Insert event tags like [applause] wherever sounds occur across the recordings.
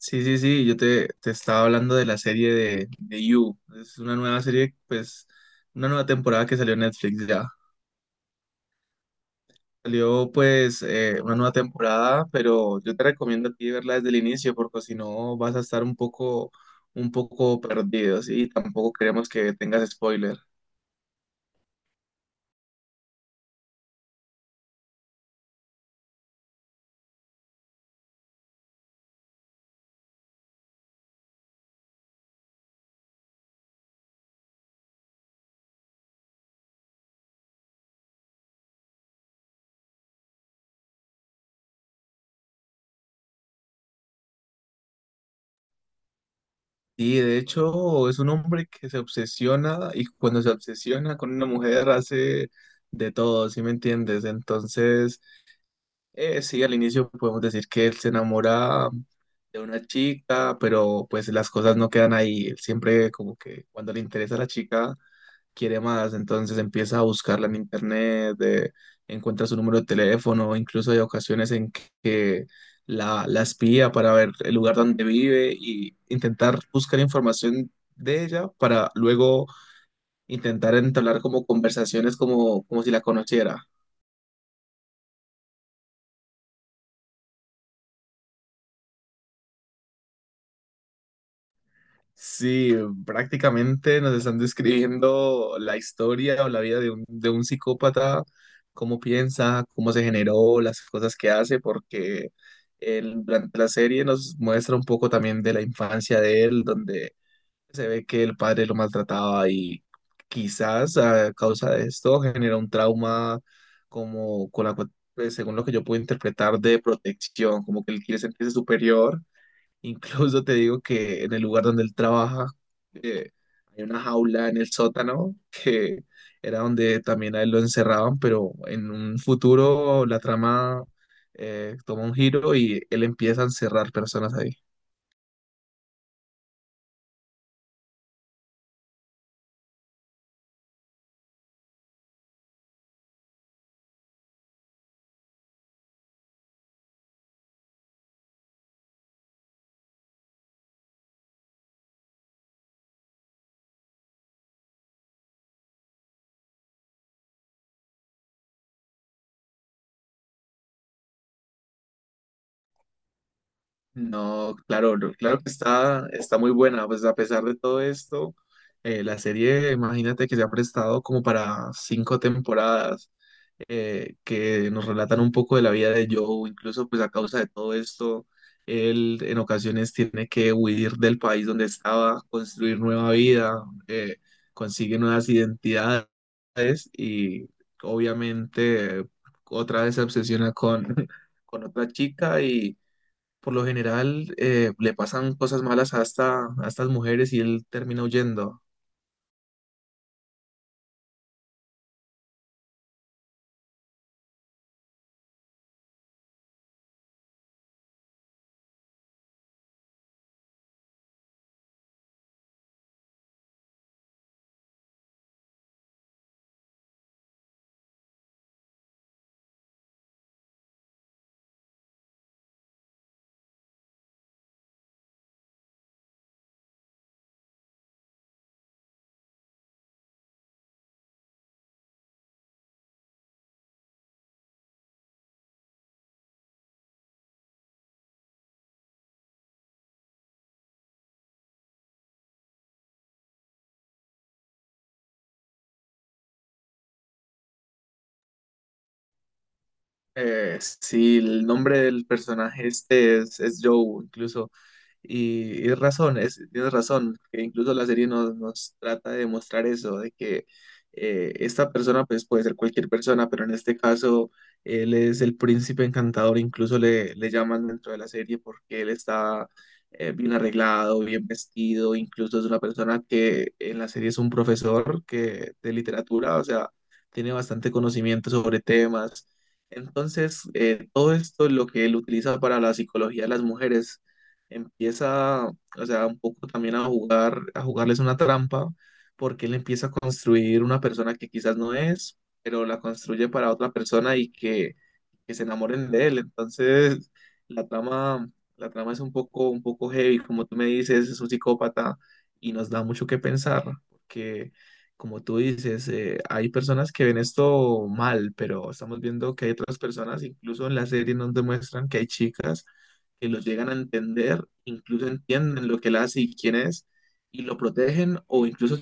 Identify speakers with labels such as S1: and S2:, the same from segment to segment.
S1: Sí, sí, sí, yo te estaba hablando de la serie de You. Es una nueva serie, pues, una nueva temporada que salió en Netflix ya. Salió, pues, una nueva temporada, pero yo te recomiendo a ti verla desde el inicio, porque si no vas a estar un poco perdido, ¿sí? Tampoco queremos que tengas spoiler. Y de hecho, es un hombre que se obsesiona y cuando se obsesiona con una mujer hace de todo, ¿sí me entiendes? Entonces. Sí, al inicio podemos decir que él se enamora de una chica, pero pues las cosas no quedan ahí. Él siempre como que cuando le interesa a la chica, quiere más, entonces empieza a buscarla en internet, encuentra su número de teléfono, incluso hay ocasiones en que la espía para ver el lugar donde vive y intentar buscar información de ella para luego intentar entablar como conversaciones como si la conociera. Sí, prácticamente nos están describiendo la historia o la vida de un psicópata, cómo piensa, cómo se generó, las cosas que hace, porque durante la serie nos muestra un poco también de la infancia de él, donde se ve que el padre lo maltrataba y quizás a causa de esto genera un trauma como con la, cu- pues, según lo que yo puedo interpretar, de protección, como que él quiere sentirse superior. Incluso te digo que en el lugar donde él trabaja, eh, hay una jaula en el sótano que era donde también a él lo encerraban, pero en un futuro la trama, toma un giro y él empieza a encerrar personas ahí. No, claro, no, claro que está, muy buena, pues a pesar de todo esto, la serie, imagínate que se ha prestado como para cinco temporadas, que nos relatan un poco de la vida de Joe, incluso pues a causa de todo esto, él en ocasiones tiene que huir del país donde estaba, construir nueva vida, consigue nuevas identidades y obviamente otra vez se obsesiona con, [laughs] con otra chica y por lo general, le pasan cosas malas hasta a estas mujeres y él termina huyendo. Sí, el nombre del personaje este es Joe, incluso. Y tienes razón, que incluso la serie nos trata de mostrar eso, de que esta persona pues puede ser cualquier persona, pero en este caso él es el príncipe encantador, incluso le llaman dentro de la serie porque él está bien arreglado, bien vestido, incluso es una persona que en la serie es un profesor que, de literatura, o sea, tiene bastante conocimiento sobre temas. Entonces, todo esto es lo que él utiliza para la psicología de las mujeres empieza, o sea, un poco también a jugar, a jugarles una trampa, porque él empieza a construir una persona que quizás no es, pero la construye para otra persona y que se enamoren de él. Entonces, la trama, la trama, es un poco heavy, como tú me dices, es un psicópata y nos da mucho que pensar, porque como tú dices, hay personas que ven esto mal, pero estamos viendo que hay otras personas, incluso en la serie nos demuestran que hay chicas que lo llegan a entender, incluso entienden lo que él hace y quién es, y lo protegen o incluso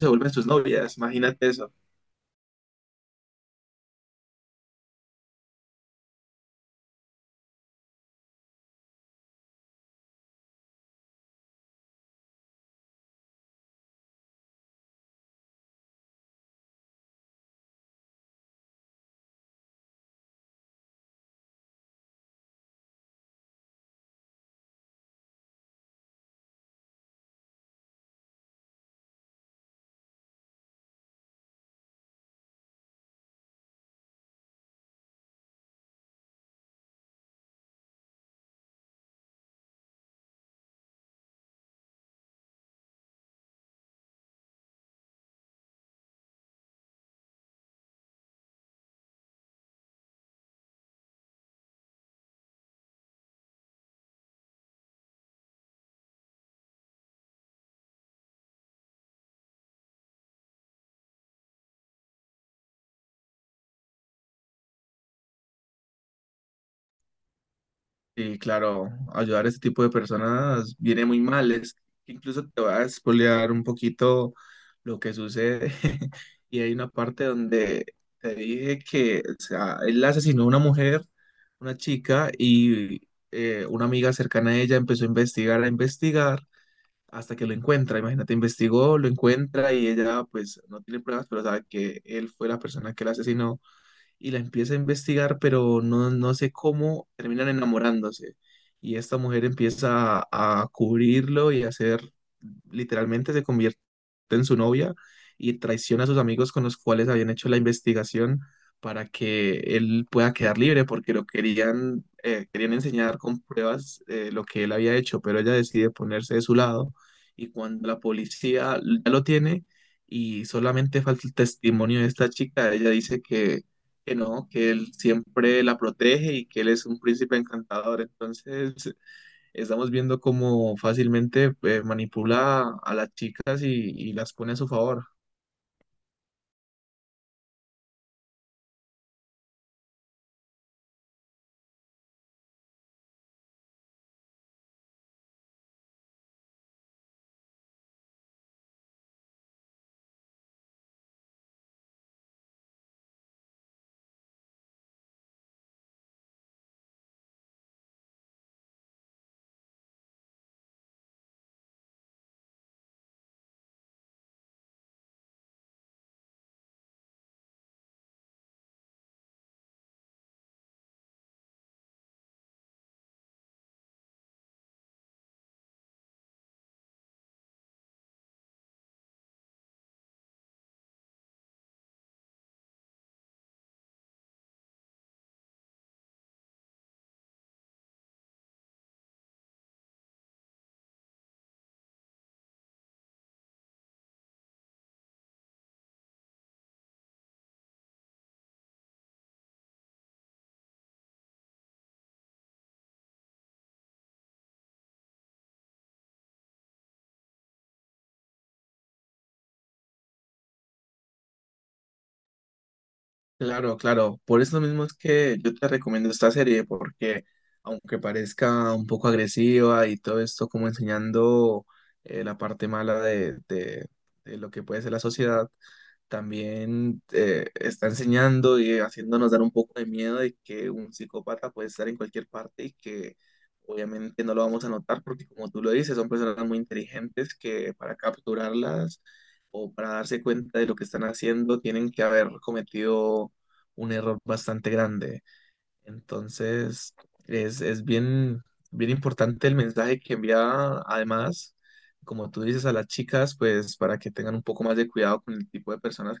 S1: se vuelven sus novias. Imagínate eso. Y claro, ayudar a este tipo de personas viene muy mal. Es, incluso te va a spoilear un poquito lo que sucede. [laughs] Y hay una parte donde te dije que, o sea, él asesinó a una mujer, una chica, y una amiga cercana a ella empezó a investigar hasta que lo encuentra. Imagínate, investigó, lo encuentra y ella pues no tiene pruebas, pero sabe que él fue la persona que la asesinó y la empieza a investigar, pero no, no sé cómo terminan enamorándose. Y esta mujer empieza a cubrirlo y a hacer, literalmente se convierte en su novia y traiciona a sus amigos con los cuales habían hecho la investigación para que él pueda quedar libre, porque lo querían enseñar con pruebas lo que él había hecho, pero ella decide ponerse de su lado y cuando la policía ya lo tiene y solamente falta el testimonio de esta chica, ella dice que no, que él siempre la protege y que él es un príncipe encantador. Entonces, estamos viendo cómo fácilmente manipula a las chicas y las pone a su favor. Claro, claro. Por eso mismo es que yo te recomiendo esta serie, porque aunque parezca un poco agresiva y todo esto como enseñando la parte mala de lo que puede ser la sociedad, también está enseñando y haciéndonos dar un poco de miedo de que un psicópata puede estar en cualquier parte y que obviamente no lo vamos a notar porque como tú lo dices, son personas muy inteligentes que para capturarlas o para darse cuenta de lo que están haciendo tienen que haber cometido un error bastante grande. Entonces, es, bien, bien importante el mensaje que envía, además como tú dices, a las chicas, pues para que tengan un poco más de cuidado con el tipo de personas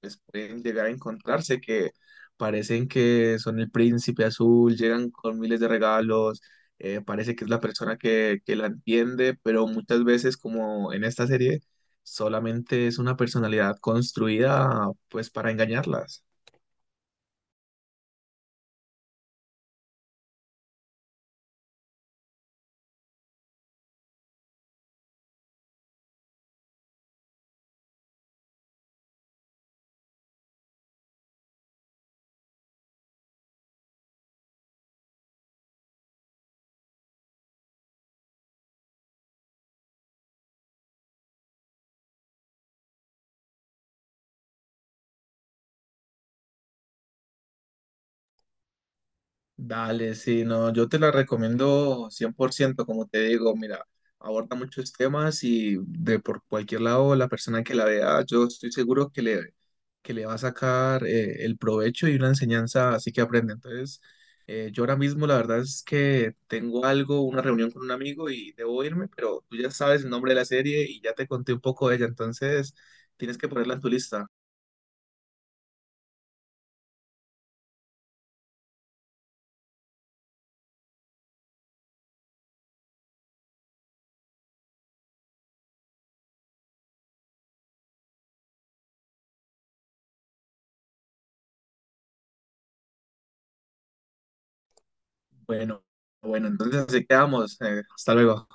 S1: pues, pueden llegar a encontrarse que parecen que son el príncipe azul, llegan con miles de regalos, parece que es la persona que la entiende, pero muchas veces, como en esta serie, solamente es una personalidad construida pues para engañarlas. Dale, sí, no, yo te la recomiendo 100% como te digo, mira, aborda muchos temas y de por cualquier lado la persona que la vea, yo estoy seguro que le, va a sacar el provecho y una enseñanza así que aprende. Entonces, yo ahora mismo la verdad es que tengo algo, una reunión con un amigo y debo irme, pero tú ya sabes el nombre de la serie y ya te conté un poco de ella, entonces tienes que ponerla en tu lista. Bueno, bueno, entonces así quedamos. Hasta luego.